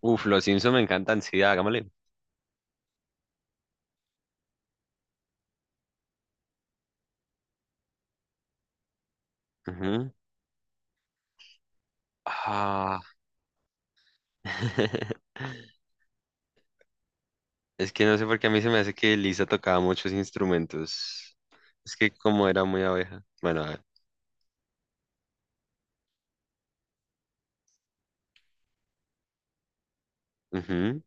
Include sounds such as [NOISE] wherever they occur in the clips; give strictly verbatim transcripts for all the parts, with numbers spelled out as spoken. Uf, los Simpsons me encantan, sí, hagámosle. Ujú. Ah, [LAUGHS] es que no sé por qué a mí se me hace que Lisa tocaba muchos instrumentos. Es que como era muy abeja. Bueno, a ver. Ujú.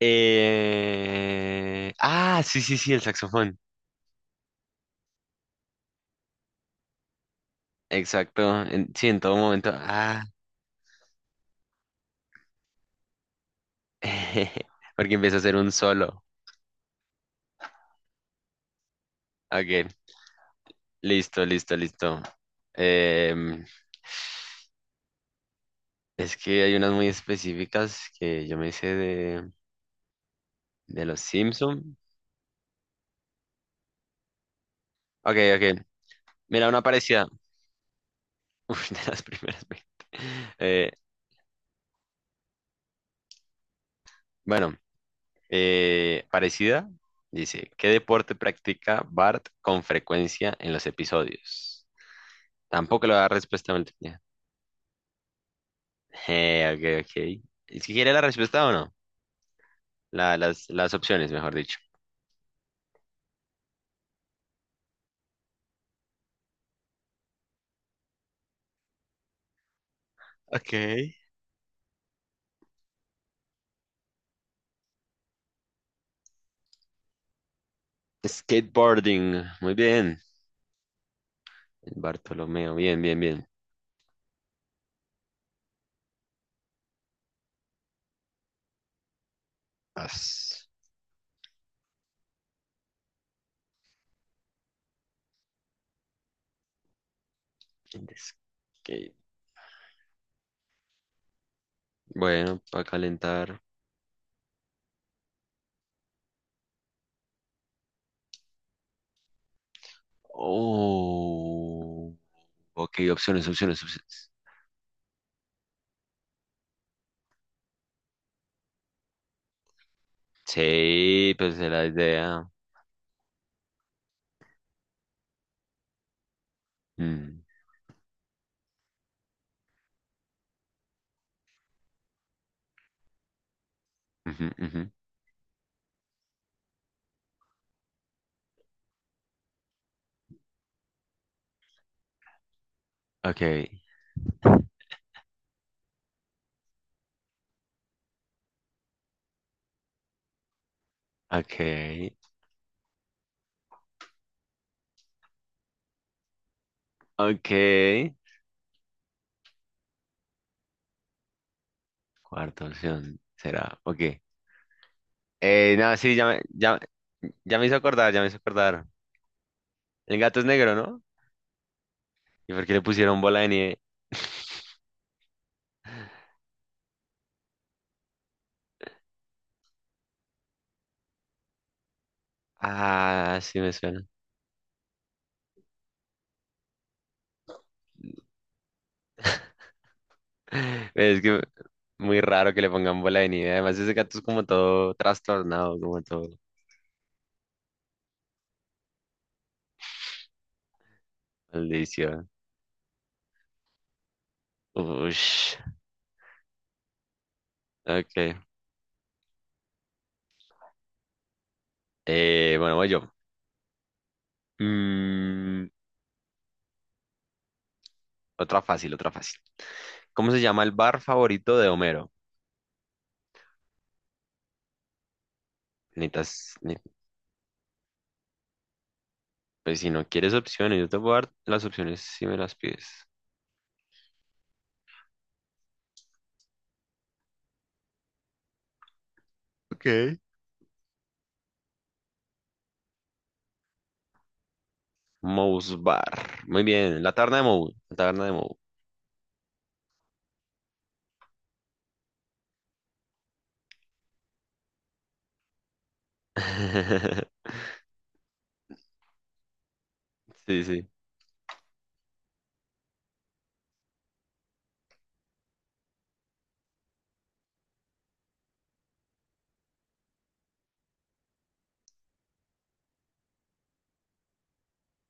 Eh, Ah, sí, sí, sí, el saxofón. Exacto. en- Sí, en todo momento. Ah, [LAUGHS] porque empieza a hacer un solo. Ok, listo, listo, listo. Em, es que hay unas muy específicas que yo me hice de, de los Simpson. Ok, ok. Mira, una parecida. Uf, [LAUGHS] de las primeras veinte. Eh, bueno, eh, parecida. Dice, ¿qué deporte practica Bart con frecuencia en los episodios? Tampoco le va a dar respuesta multiple. [LAUGHS] Eh, ok, ok. ¿Es que quiere la respuesta o no? La- las, las opciones, mejor dicho. Ok. Skateboarding. Muy bien. Bartolomeo. Bien, bien, bien. As- skate. Bueno, para calentar. Oh. Ok, opciones, opciones, opciones. Sí, pues es la idea. Mm, ujú, ujú. Ok, ok, ok. Cuarta opción será. Ok. Eh, no, sí, ya me, ya, ya me hizo acordar, ya me hizo acordar. El gato es negro, ¿no? ¿Y por qué le pusieron bola de nieve? [LAUGHS] Ah, sí me suena. [LAUGHS] Es que muy raro que le pongan bola de nieve. Además, ese gato es como todo trastornado, como todo maldición. Ush. Ok. Eh, bueno, voy yo. Mm, otra fácil, otra fácil. ¿Cómo se llama el bar favorito de Homero? Necesitas, ne- pues si no quieres opciones, yo te puedo dar las opciones si me las pides. Ok. Moe's Bar. Muy bien, la taberna de Moe. La taberna de Moe. [LAUGHS] Sí, sí.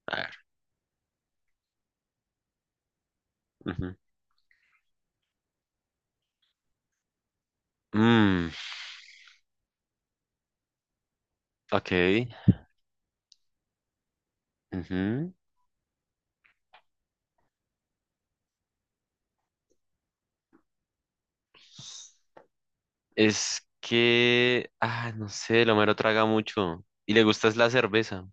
A ver. Ujú. Mm, ok. Ujú. Es que, ah, no sé, el Homero traga mucho. Y le gusta es la cerveza.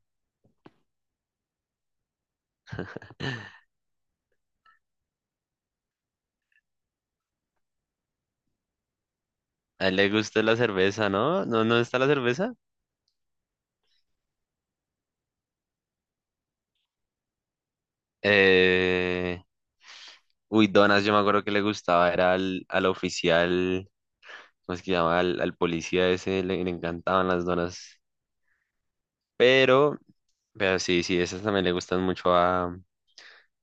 A él le gusta la cerveza, ¿no? ¿No, no está la cerveza? Eh... Uy, donas, yo me acuerdo que le gustaba, era al, al oficial, ¿cómo es que llama? Al, al policía ese, le, le encantaban las donas. Pero, pero sí, sí, esas también le gustan mucho a,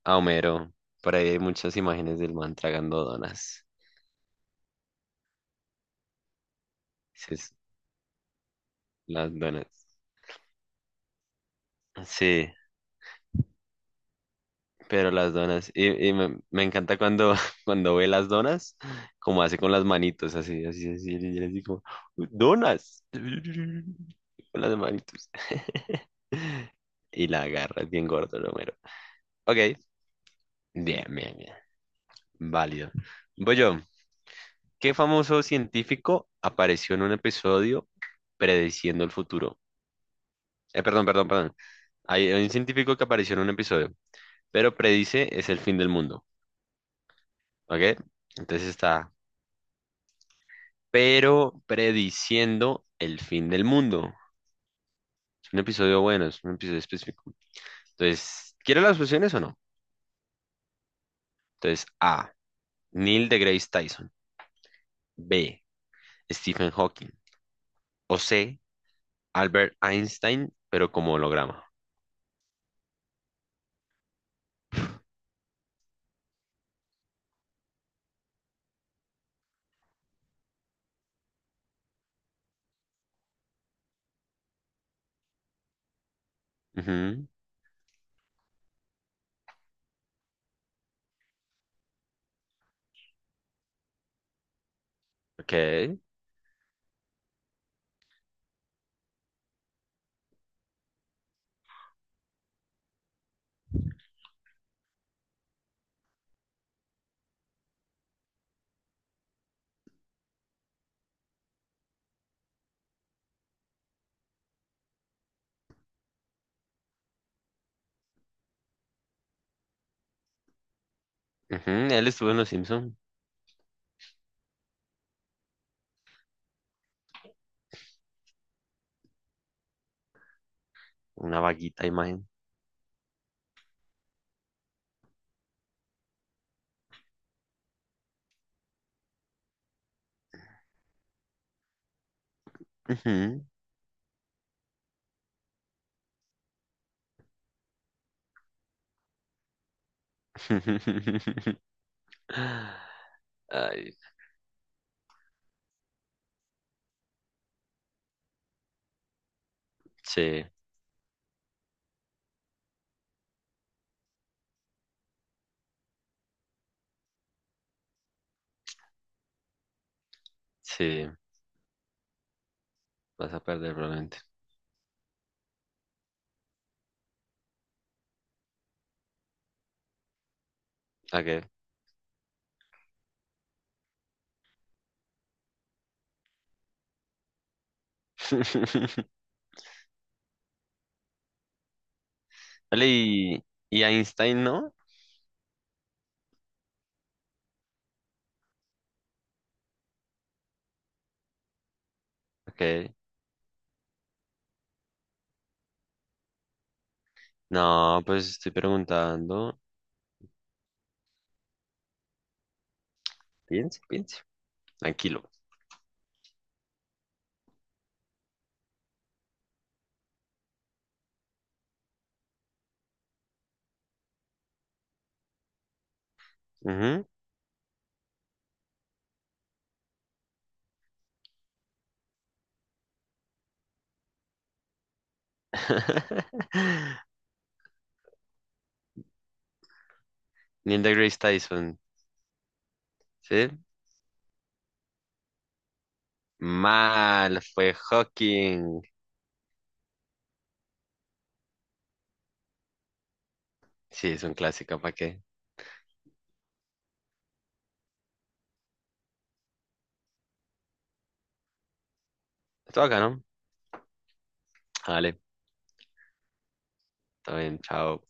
a Homero. Por ahí hay muchas imágenes del man tragando donas. Sí, es- las donas. Sí, pero las donas. Y, y me, me encanta cuando, [LAUGHS] cuando ve las donas, como hace con las manitos, así, así, así, y así como, donas. [LAUGHS] Con las manitos. [LAUGHS] Y la agarra, es bien gordo el Homero. Ok, bien, bien, bien. Válido. Voy yo. ¿Qué famoso científico apareció en un episodio prediciendo el futuro? Eh, perdón, perdón, perdón. Hay hay un científico que apareció en un episodio, pero predice es el fin del mundo. ¿Ok? Entonces está, pero prediciendo el fin del mundo. Es un episodio bueno, es un episodio específico. Entonces, ¿quiere las opciones o no? Entonces, A. Neil deGrasse Tyson. B. Stephen Hawking. O C. Albert Einstein, pero como holograma. Ujú. Ok. Ujú. Él estuvo en Los Simpson. Una vaguita imagen. Ujú. [LAUGHS] Ay, sí, sí. Vas a perder probablemente. Ok. [LAUGHS] Vale, y, y Einstein, ¿no? Ok. No, pues estoy preguntando. Piense, piense. Tranquilo. Ujú. [LAUGHS] Neil deGrasse Tyson. ¿Sí? Mal, fue Hawking. Sí, es un clásico, ¿para qué? Estuvo acá, ¿no? Vale, está bien, chao.